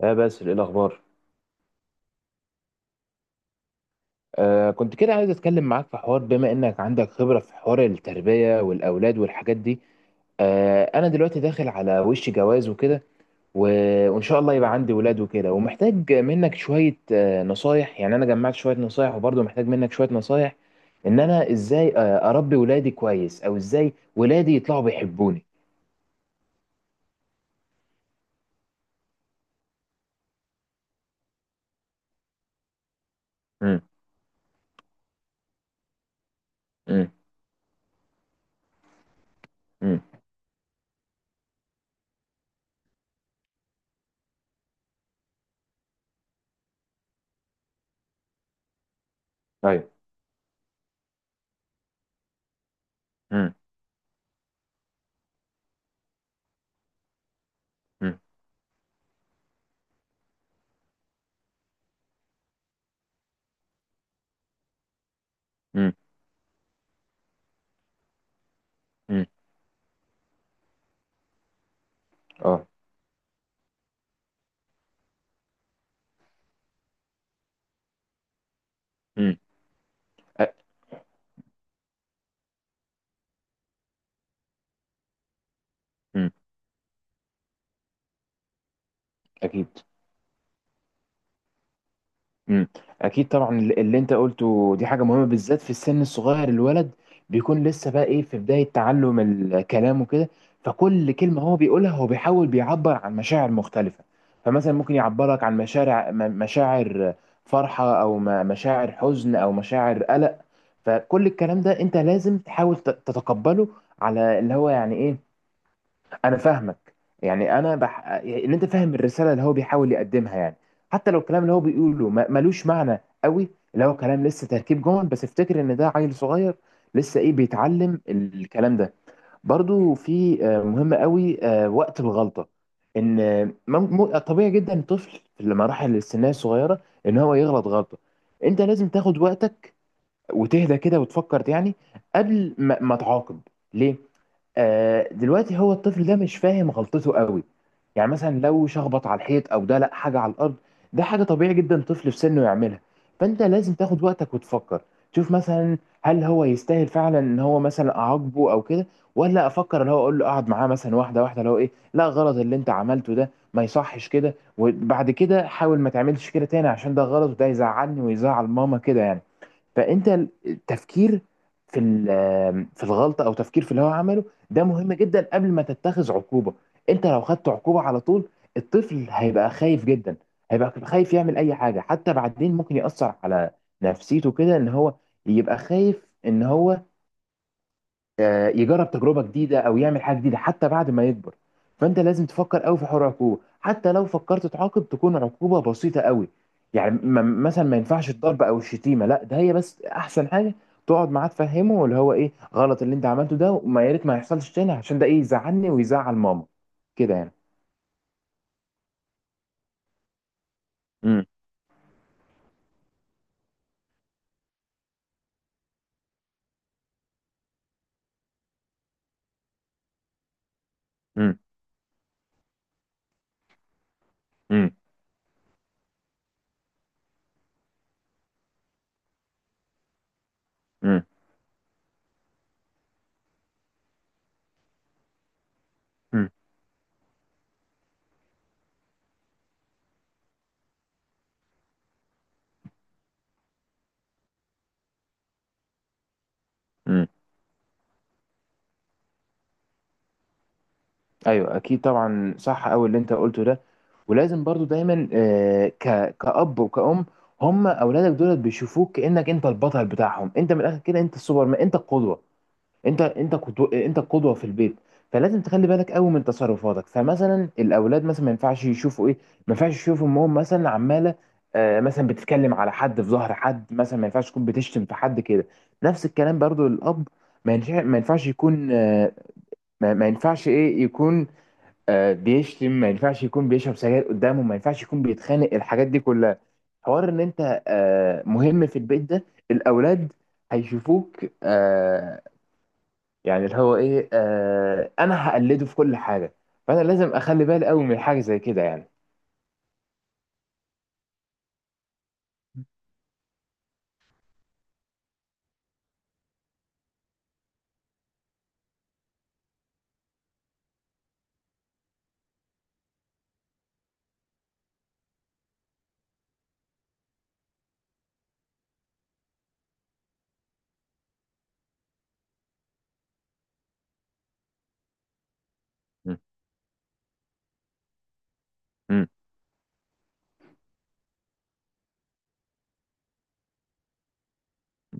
اه بس الاخبار. كنت كده عايز اتكلم معاك في حوار، بما انك عندك خبره في حوار التربيه والاولاد والحاجات دي. انا دلوقتي داخل على وش جواز وكده و... وان شاء الله يبقى عندي ولاد وكده، ومحتاج منك شويه نصايح. يعني انا جمعت شويه نصايح، وبرضه محتاج منك شويه نصايح، ان انا ازاي اربي ولادي كويس، او ازاي ولادي يطلعوا بيحبوني. امم. امم. امم. ايوه. امم. امم. امم. اه. امم. أ- امم. اكيد. مم. اكيد طبعا، اللي انت قلته دي حاجه مهمه بالذات في السن الصغير. الولد بيكون لسه بقى ايه، في بدايه تعلم الكلام وكده، فكل كلمه هو بيقولها هو بيحاول بيعبر عن مشاعر مختلفه. فمثلا ممكن يعبرك عن مشاعر مشاعر فرحه، او مشاعر حزن، او مشاعر قلق. فكل الكلام ده انت لازم تحاول تتقبله، على اللي هو يعني ايه انا فاهمك. يعني يعني ان انت فاهم الرساله اللي هو بيحاول يقدمها يعني، حتى لو الكلام اللي هو بيقوله ما... ملوش معنى قوي، اللي هو كلام لسه تركيب جمل، بس افتكر ان ده عيل صغير لسه ايه، بيتعلم الكلام ده. برضو في مهم قوي وقت الغلطه. ان طبيعي جدا الطفل في المراحل السنيه الصغيره ان هو يغلط غلطه. انت لازم تاخد وقتك وتهدى كده وتفكر، يعني قبل ما تعاقب. ليه؟ دلوقتي هو الطفل ده مش فاهم غلطته قوي. يعني مثلا لو شخبط على الحيط او دلق حاجه على الارض، ده حاجه طبيعي جدا طفل في سنه يعملها. فانت لازم تاخد وقتك وتفكر، تشوف مثلا هل هو يستاهل فعلا ان هو مثلا اعاقبه او كده، ولا افكر اللي هو اقول له اقعد معاه مثلا واحده واحده، اللي هو ايه، لا، غلط اللي انت عملته ده، ما يصحش كده، وبعد كده حاول ما تعملش كده تاني عشان ده غلط، وده يزعلني ويزعل ماما كده يعني. فانت التفكير في في الغلطه، او تفكير في اللي هو عمله، ده مهم جدا قبل ما تتخذ عقوبه. انت لو خدت عقوبه على طول، الطفل هيبقى خايف جدا، هيبقى خايف يعمل اي حاجه، حتى بعدين ممكن ياثر على نفسيته كده، ان هو يبقى خايف ان هو يجرب تجربه جديده، او يعمل حاجه جديده، حتى بعد ما يكبر. فانت لازم تفكر قوي في حوار العقوبه، حتى لو فكرت تعاقب تكون عقوبه بسيطه قوي. يعني مثلا ما ينفعش الضرب او الشتيمه، لا، ده هي بس احسن حاجه تقعد معاه تفهمه اللي هو ايه، غلط اللي انت عملته ده، وما يا ريت ما يحصلش تاني، عشان ده ايه، يزعلني ويزعل ماما كده يعني. امم. امم. امم. امم. ايوه، اكيد طبعا، صح قوي اللي انت قلته ده. ولازم برضو دايما آه، ك كأب وكأم، هم اولادك دول بيشوفوك كأنك انت البطل بتاعهم، انت من الاخر كده انت السوبرمان، انت القدوة، انت القدوة في البيت. فلازم تخلي بالك قوي من تصرفاتك. فمثلا الاولاد مثلا ما ينفعش يشوفوا امهم مثلا عمالة مثلا بتتكلم على حد في ظهر حد، مثلا ما ينفعش تكون بتشتم في حد كده. نفس الكلام برضو للأب، ما ينفعش يكون آه، ما ما ينفعش ايه يكون بيشتم، ما ينفعش يكون بيشرب سجاير قدامه، ما ينفعش يكون بيتخانق، الحاجات دي كلها حوار ان انت مهم في البيت ده. الاولاد هيشوفوك يعني اللي هو ايه، انا هقلده في كل حاجه، فانا لازم اخلي بالي قوي من حاجه زي كده يعني. م- م-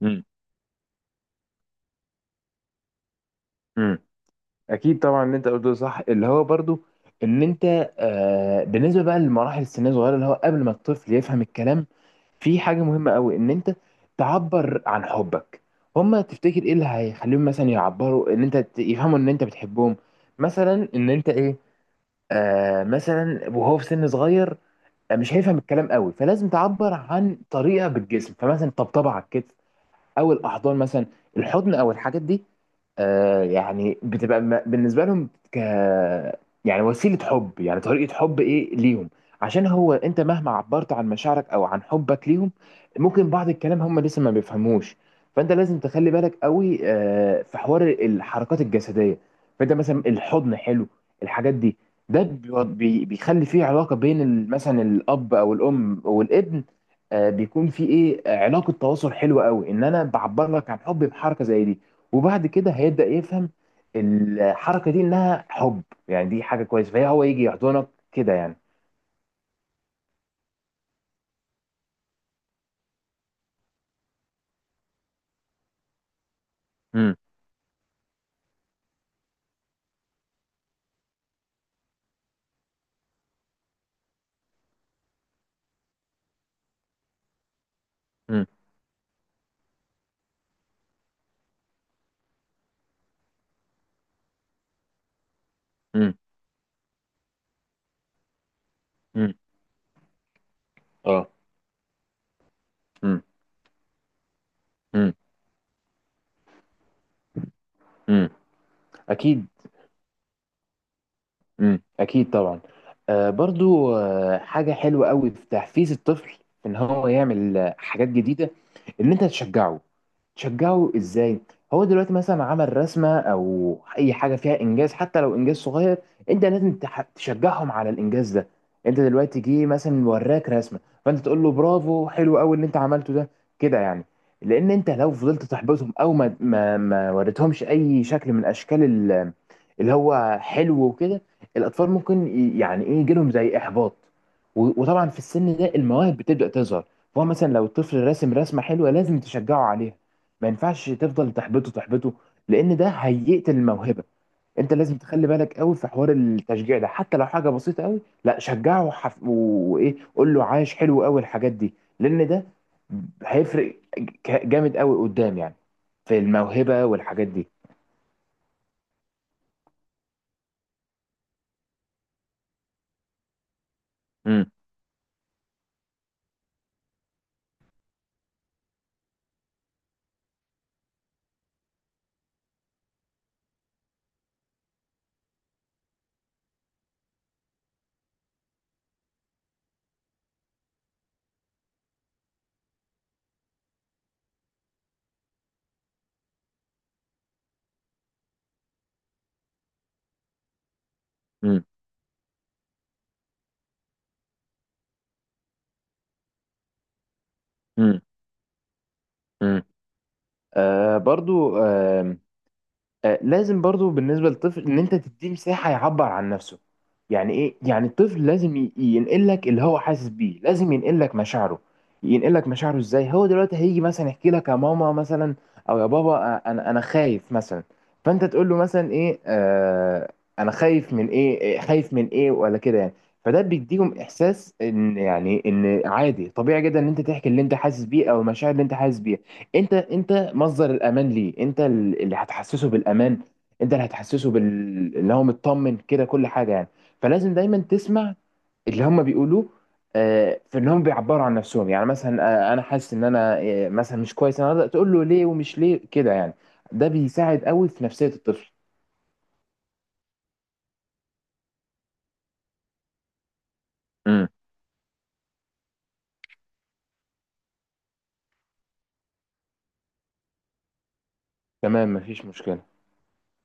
م- م. اكيد طبعا اللي انت قلته صح، اللي هو برضو ان انت بالنسبه بقى لمراحل السن الصغيره، اللي هو قبل ما الطفل يفهم الكلام، في حاجه مهمه قوي ان انت تعبر عن حبك. هما تفتكر ايه اللي هيخليهم مثلا يعبروا ان انت يفهموا ان انت بتحبهم؟ مثلا ان انت ايه، مثلا وهو في سن صغير مش هيفهم الكلام قوي، فلازم تعبر عن طريقه بالجسم، فمثلا طبطبه على الكتف، او الاحضان مثلا، الحضن، او الحاجات دي. يعني بتبقى بالنسبه لهم يعني وسيله حب، يعني طريقه حب ايه ليهم، عشان هو انت مهما عبرت عن مشاعرك او عن حبك ليهم، ممكن بعض الكلام هم لسه ما بيفهموش. فانت لازم تخلي بالك قوي في حوار الحركات الجسديه. فانت مثلا الحضن حلو، الحاجات دي، ده بيخلي فيه علاقه بين مثلا الاب او الام والابن، بيكون في ايه، علاقه تواصل حلوه قوي، ان انا بعبر لك عن حبي بحركه زي دي. وبعد كده هيبدا يفهم الحركه دي انها حب، يعني دي حاجه كويسه، فهي هو يجي يحضنك كده يعني. امم. امم. امم. اه. امم. امم. اكيد. امم، اكيد طبعا. برضو، حاجه حلوه قوي في تحفيز الطفل ان هو يعمل حاجات جديده، ان انت تشجعه. تشجعه ازاي؟ هو دلوقتي مثلا عمل رسمه، او اي حاجه فيها انجاز، حتى لو انجاز صغير، انت لازم تشجعهم على الانجاز ده. انت دلوقتي جه مثلا وراك رسمه، فانت تقول له برافو، حلو قوي اللي انت عملته ده، كده يعني. لان انت لو فضلت تحبطهم، او ما وريتهمش اي شكل من اشكال اللي هو حلو وكده، الاطفال ممكن يعني ايه، يجيلهم زي احباط. وطبعا في السن ده المواهب بتبدا تظهر، فهو مثلا لو الطفل راسم رسمه حلوه لازم تشجعه عليها، ما ينفعش تفضل تحبطه تحبطه، لان ده هيقتل الموهبه. انت لازم تخلي بالك قوي في حوار التشجيع ده، حتى لو حاجه بسيطه قوي، لا شجعه وايه، قول له عايش حلو قوي، الحاجات دي، لان ده هيفرق جامد قوي قدام يعني، في الموهبه والحاجات دي. امم. امم. امم. امم. برضو، لازم برضو بالنسبة للطفل ان انت تديه مساحة يعبر عن نفسه. يعني ايه؟ يعني الطفل لازم ينقل لك اللي هو حاسس بيه، لازم ينقل لك مشاعره. ينقل لك مشاعره ازاي؟ هو دلوقتي هيجي مثلا يحكي لك يا ماما مثلا، او يا بابا، انا خايف مثلا، فانت تقول له مثلا ايه، انا خايف من ايه، خايف من ايه ولا كده يعني. فده بيديهم احساس ان يعني ان عادي، طبيعي جدا ان انت تحكي اللي انت حاسس بيه، او المشاعر اللي انت حاسس بيها. انت مصدر الامان ليه، انت اللي هتحسسه بالامان، انت اللي هتحسسه بال، اللي هو مطمن كده، كل حاجه يعني. فلازم دايما تسمع اللي هم بيقولوه، في ان هم بيعبروا عن نفسهم. يعني مثلا انا حاسس ان انا مثلا مش كويس، انا أقدر تقول له ليه ومش ليه، كده يعني. ده بيساعد قوي في نفسيه الطفل. امم. تمام، مفيش مشكله.